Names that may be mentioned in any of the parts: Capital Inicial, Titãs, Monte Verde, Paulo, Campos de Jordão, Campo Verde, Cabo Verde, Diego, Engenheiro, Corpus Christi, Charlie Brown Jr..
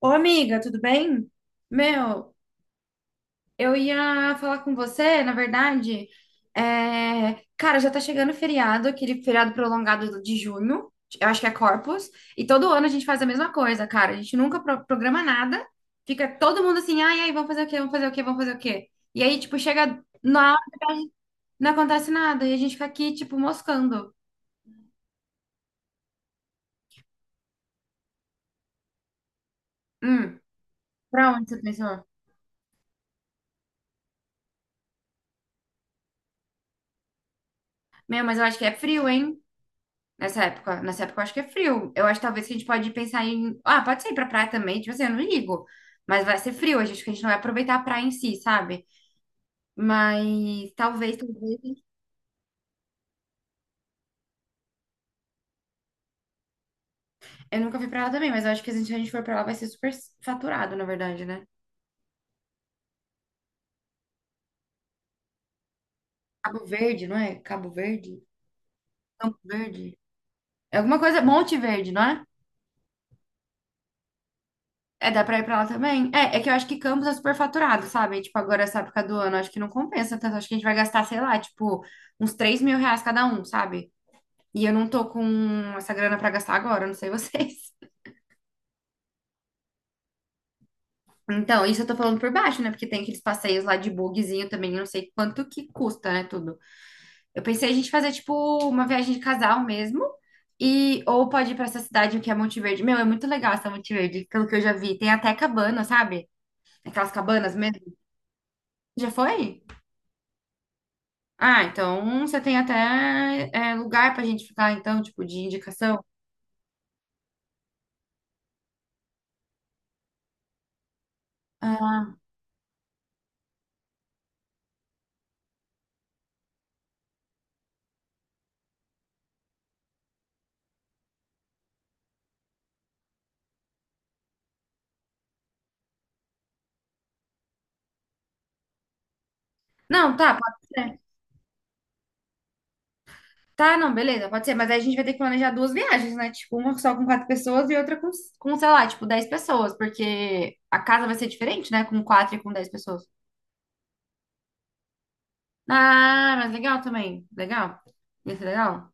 Ô, amiga, tudo bem? Meu, eu ia falar com você, na verdade. Cara, já tá chegando o feriado, aquele feriado prolongado de junho, eu acho que é Corpus, e todo ano a gente faz a mesma coisa, cara. A gente nunca programa nada, fica todo mundo assim, ai, ai, vamos fazer o quê, vamos fazer o quê, vamos fazer o quê? E aí, tipo, chega na hora, não acontece nada, e a gente fica aqui, tipo, moscando. Hum, pra onde você pensou? Meu, mas eu acho que é frio, hein? Nessa época eu acho que é frio. Eu acho que talvez que a gente pode pensar em. Ah, pode ser ir pra praia também, tipo assim, eu não ligo. Mas vai ser frio, a gente, acho que a gente não vai aproveitar a praia em si, sabe? Mas talvez, talvez. Eu nunca fui pra lá também, mas eu acho que se a gente for pra lá vai ser super faturado, na verdade, né? Cabo Verde, não é? Cabo Verde? Campo Verde? É alguma coisa. Monte Verde, não é? É, dá pra ir pra lá também? É, é que eu acho que Campos é super faturado, sabe? Tipo, agora essa época do ano, acho que não compensa tanto. Acho que a gente vai gastar, sei lá, tipo, uns 3 mil reais cada um, sabe? E eu não tô com essa grana pra gastar agora, não sei vocês. Então, isso eu tô falando por baixo, né? Porque tem aqueles passeios lá de bugzinho também, eu não sei quanto que custa, né, tudo. Eu pensei a gente fazer, tipo, uma viagem de casal mesmo. E, ou pode ir pra essa cidade que é Monte Verde. Meu, é muito legal essa Monte Verde, pelo que eu já vi. Tem até cabana, sabe? Aquelas cabanas mesmo. Já foi? Ah, então você tem até lugar pra gente ficar, então, tipo, de indicação. Ah, não, tá, pode ser. Tá, não, beleza, pode ser, mas aí a gente vai ter que planejar duas viagens, né? Tipo, uma só com quatro pessoas e outra com, sei lá, tipo, 10 pessoas, porque a casa vai ser diferente, né? Com quatro e com 10 pessoas. Ah, mas legal também, legal. Isso é legal.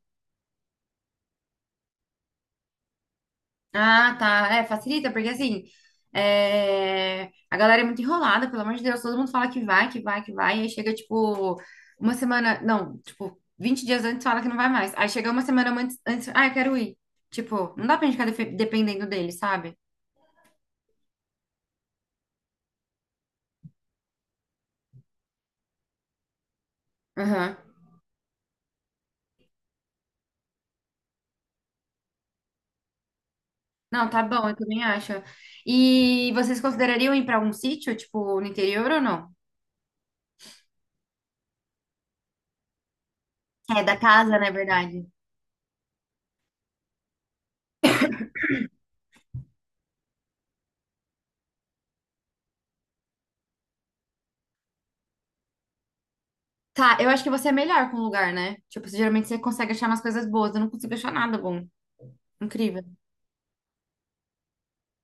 Ah, tá, facilita, porque assim, a galera é muito enrolada, pelo amor de Deus, todo mundo fala que vai, que vai, que vai, e aí chega, tipo, uma semana, não, tipo, 20 dias antes fala que não vai mais, aí chega uma semana antes, antes ah, eu quero ir. Tipo, não dá pra gente ficar dependendo dele, sabe? Aham. Não, tá bom, eu também acho. E vocês considerariam ir pra algum sítio, tipo, no interior ou não? É, da casa, na verdade. Tá, eu acho que você é melhor com o lugar, né? Tipo, geralmente você consegue achar umas coisas boas. Eu não consigo achar nada bom. Incrível.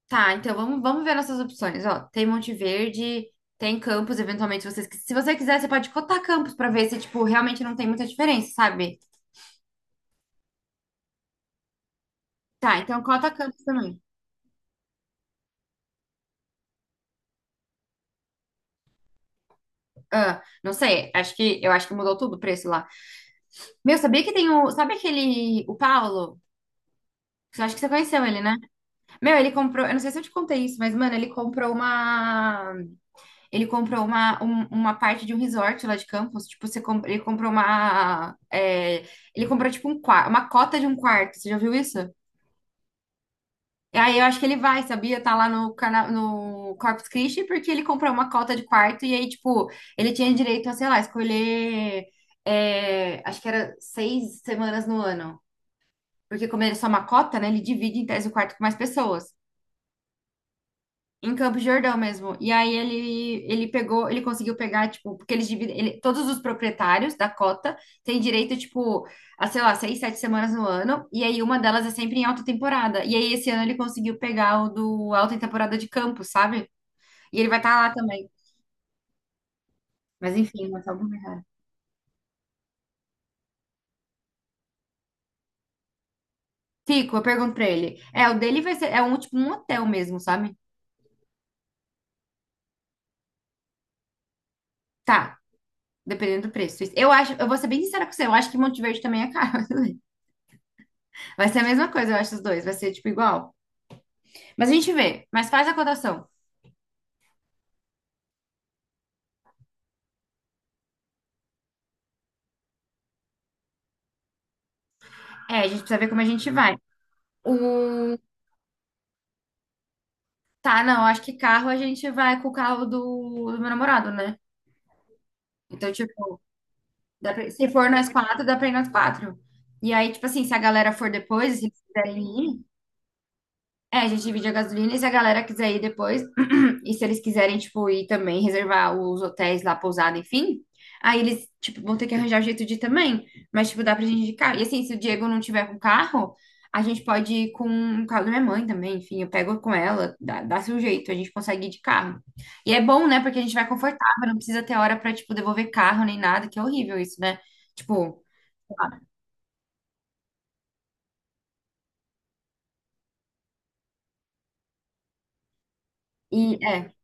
Tá, então vamos, vamos ver nossas opções. Ó, tem Monte Verde, tem Campos, eventualmente, se você quiser, você pode cotar Campos pra ver se, tipo, realmente não tem muita diferença, sabe? Tá, então cota Campos também. Ah, não sei, acho que mudou tudo o preço lá. Meu, sabia que tem o. Sabe aquele. O Paulo? Você acha que você conheceu ele, né? Meu, ele comprou, eu não sei se eu te contei isso, mas, mano, ele comprou uma. Ele comprou uma parte de um resort lá de Campos. Tipo, ele comprou uma. Ele comprou, tipo, um quarto, uma cota de um quarto. Você já viu isso? E aí eu acho que ele vai, sabia? Tá lá no Corpus Christi, porque ele comprou uma cota de quarto. E aí, tipo, ele tinha direito a, sei lá, escolher. Acho que era 6 semanas no ano. Porque como ele é só uma cota, né? Ele divide em tese o quarto com mais pessoas. Em Campos de Jordão mesmo. E aí ele pegou, ele conseguiu pegar, tipo, porque eles dividem, todos os proprietários da cota têm direito, tipo, a, sei lá, 6, 7 semanas no ano, e aí uma delas é sempre em alta temporada. E aí esse ano ele conseguiu pegar o do alta temporada de Campos, sabe? E ele vai estar lá também. Mas enfim, não sabe como errar. Fico, eu pergunto pra ele. É, o dele vai ser, é um, tipo, um hotel mesmo, sabe? Tá, dependendo do preço. Eu acho, eu vou ser bem sincera com você, eu acho que Monte Verde também é caro. Vai ser a mesma coisa, eu acho, os dois, vai ser, tipo, igual. Mas a gente vê, mas faz a cotação. É, a gente precisa ver como a gente vai. O... Tá, não, acho que carro a gente vai com o carro do meu namorado, né? Então, tipo, se for nós quatro, dá pra ir nós quatro. E aí, tipo assim, se a galera for depois, se eles quiserem ir, a gente divide a gasolina e se a galera quiser ir depois. E se eles quiserem, tipo, ir também reservar os hotéis lá, pousada, enfim, aí eles, tipo, vão ter que arranjar jeito de ir também. Mas, tipo, dá pra gente ir de carro. E assim, se o Diego não tiver com carro, a gente pode ir com o carro da minha mãe também. Enfim, eu pego com ela, dá, dá-se um jeito, a gente consegue ir de carro. E é bom, né? Porque a gente vai confortável, não precisa ter hora pra, tipo, devolver carro nem nada, que é horrível isso, né? Tipo, e é.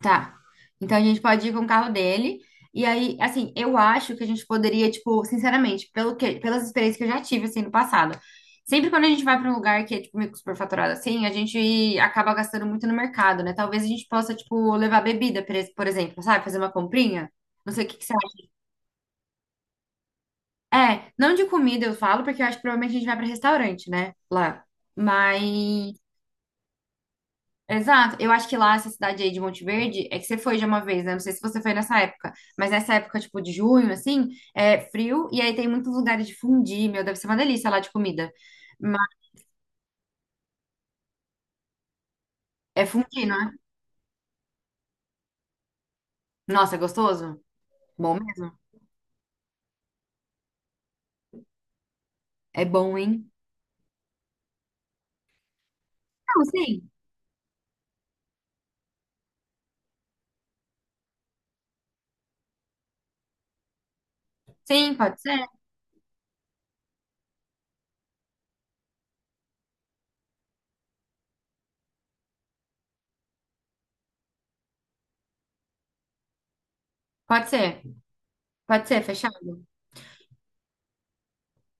Tá. Então a gente pode ir com o carro dele. E aí, assim, eu acho que a gente poderia, tipo, sinceramente, pelas experiências que eu já tive, assim, no passado. Sempre quando a gente vai para um lugar que é, tipo, meio que superfaturado, assim, a gente acaba gastando muito no mercado, né? Talvez a gente possa, tipo, levar bebida, por exemplo, sabe? Fazer uma comprinha. Não sei o que que você acha. É, não de comida eu falo, porque eu acho que provavelmente a gente vai para restaurante, né? Lá. Mas. Exato. Eu acho que lá, essa cidade aí de Monte Verde, é que você foi já uma vez, né? Não sei se você foi nessa época, mas nessa época, tipo, de junho, assim, é frio, e aí tem muitos lugares de fundir meu, deve ser uma delícia lá de comida. Mas é fundir não é? Nossa, é gostoso? Bom mesmo? É bom, hein? Não, sim. Sim, pode ser. Pode ser. Pode ser, fechado.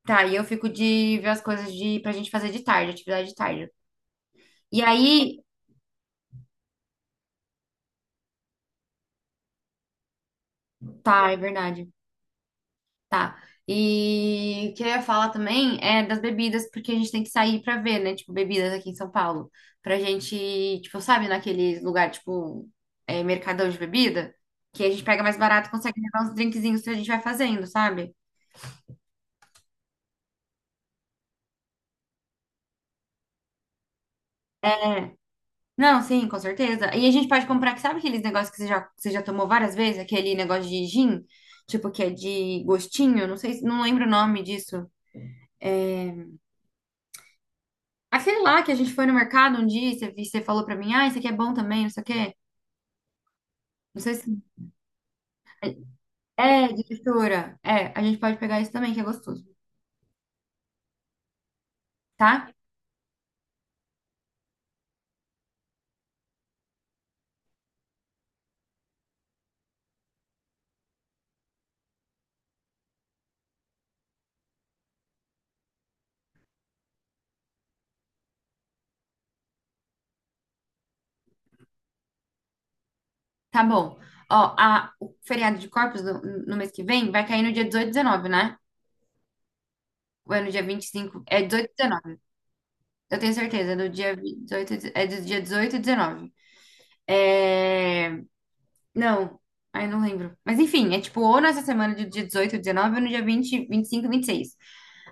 Tá, e eu fico de ver as coisas de, pra gente fazer de tarde, atividade de tarde. E aí, tá, é verdade. Tá. E o que eu ia falar também é das bebidas, porque a gente tem que sair pra ver, né? Tipo, bebidas aqui em São Paulo. Pra gente, tipo, sabe, naquele lugar, tipo, mercadão de bebida, que a gente pega mais barato e consegue levar uns drinkzinhos que a gente vai fazendo, sabe? É. Não, sim, com certeza. E a gente pode comprar, que sabe aqueles negócios que você já tomou várias vezes? Aquele negócio de gin, tipo, que é de gostinho, não sei, não lembro o nome disso. É... Aquele lá que a gente foi no mercado um dia e você falou pra mim, ah, isso aqui é bom também, não sei o quê. Não sei se é de mistura. É, a gente pode pegar isso também, que é gostoso, tá? Tá bom. Ó, a, o feriado de Corpus no mês que vem vai cair no dia 18 e 19, né? Ou é no dia 25. É 18 e 19. Eu tenho certeza, é do dia 18 e- é do dia 18 e 19. É... Não, aí não lembro. Mas enfim, é tipo ou nessa semana do dia 18, 19 ou no dia 20, 25, 26.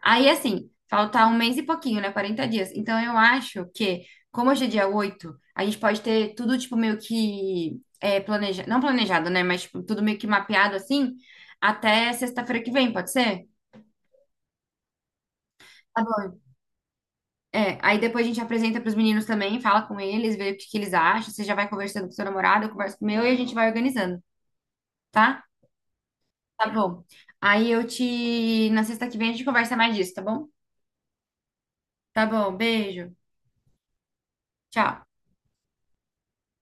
Aí assim, faltar um mês e pouquinho, né? 40 dias. Então eu acho que, como hoje é dia 8, a gente pode ter tudo tipo meio que planejado, não planejado, né? Mas tipo, tudo meio que mapeado assim, até sexta-feira que vem, pode ser? Tá bom. É, aí depois a gente apresenta pros meninos também, fala com eles, vê o que que eles acham. Você já vai conversando com seu namorado, eu converso com o meu e a gente vai organizando, tá? Tá bom. Aí eu te. Na sexta que vem a gente conversa mais disso, tá bom? Tá bom, beijo. Tchau.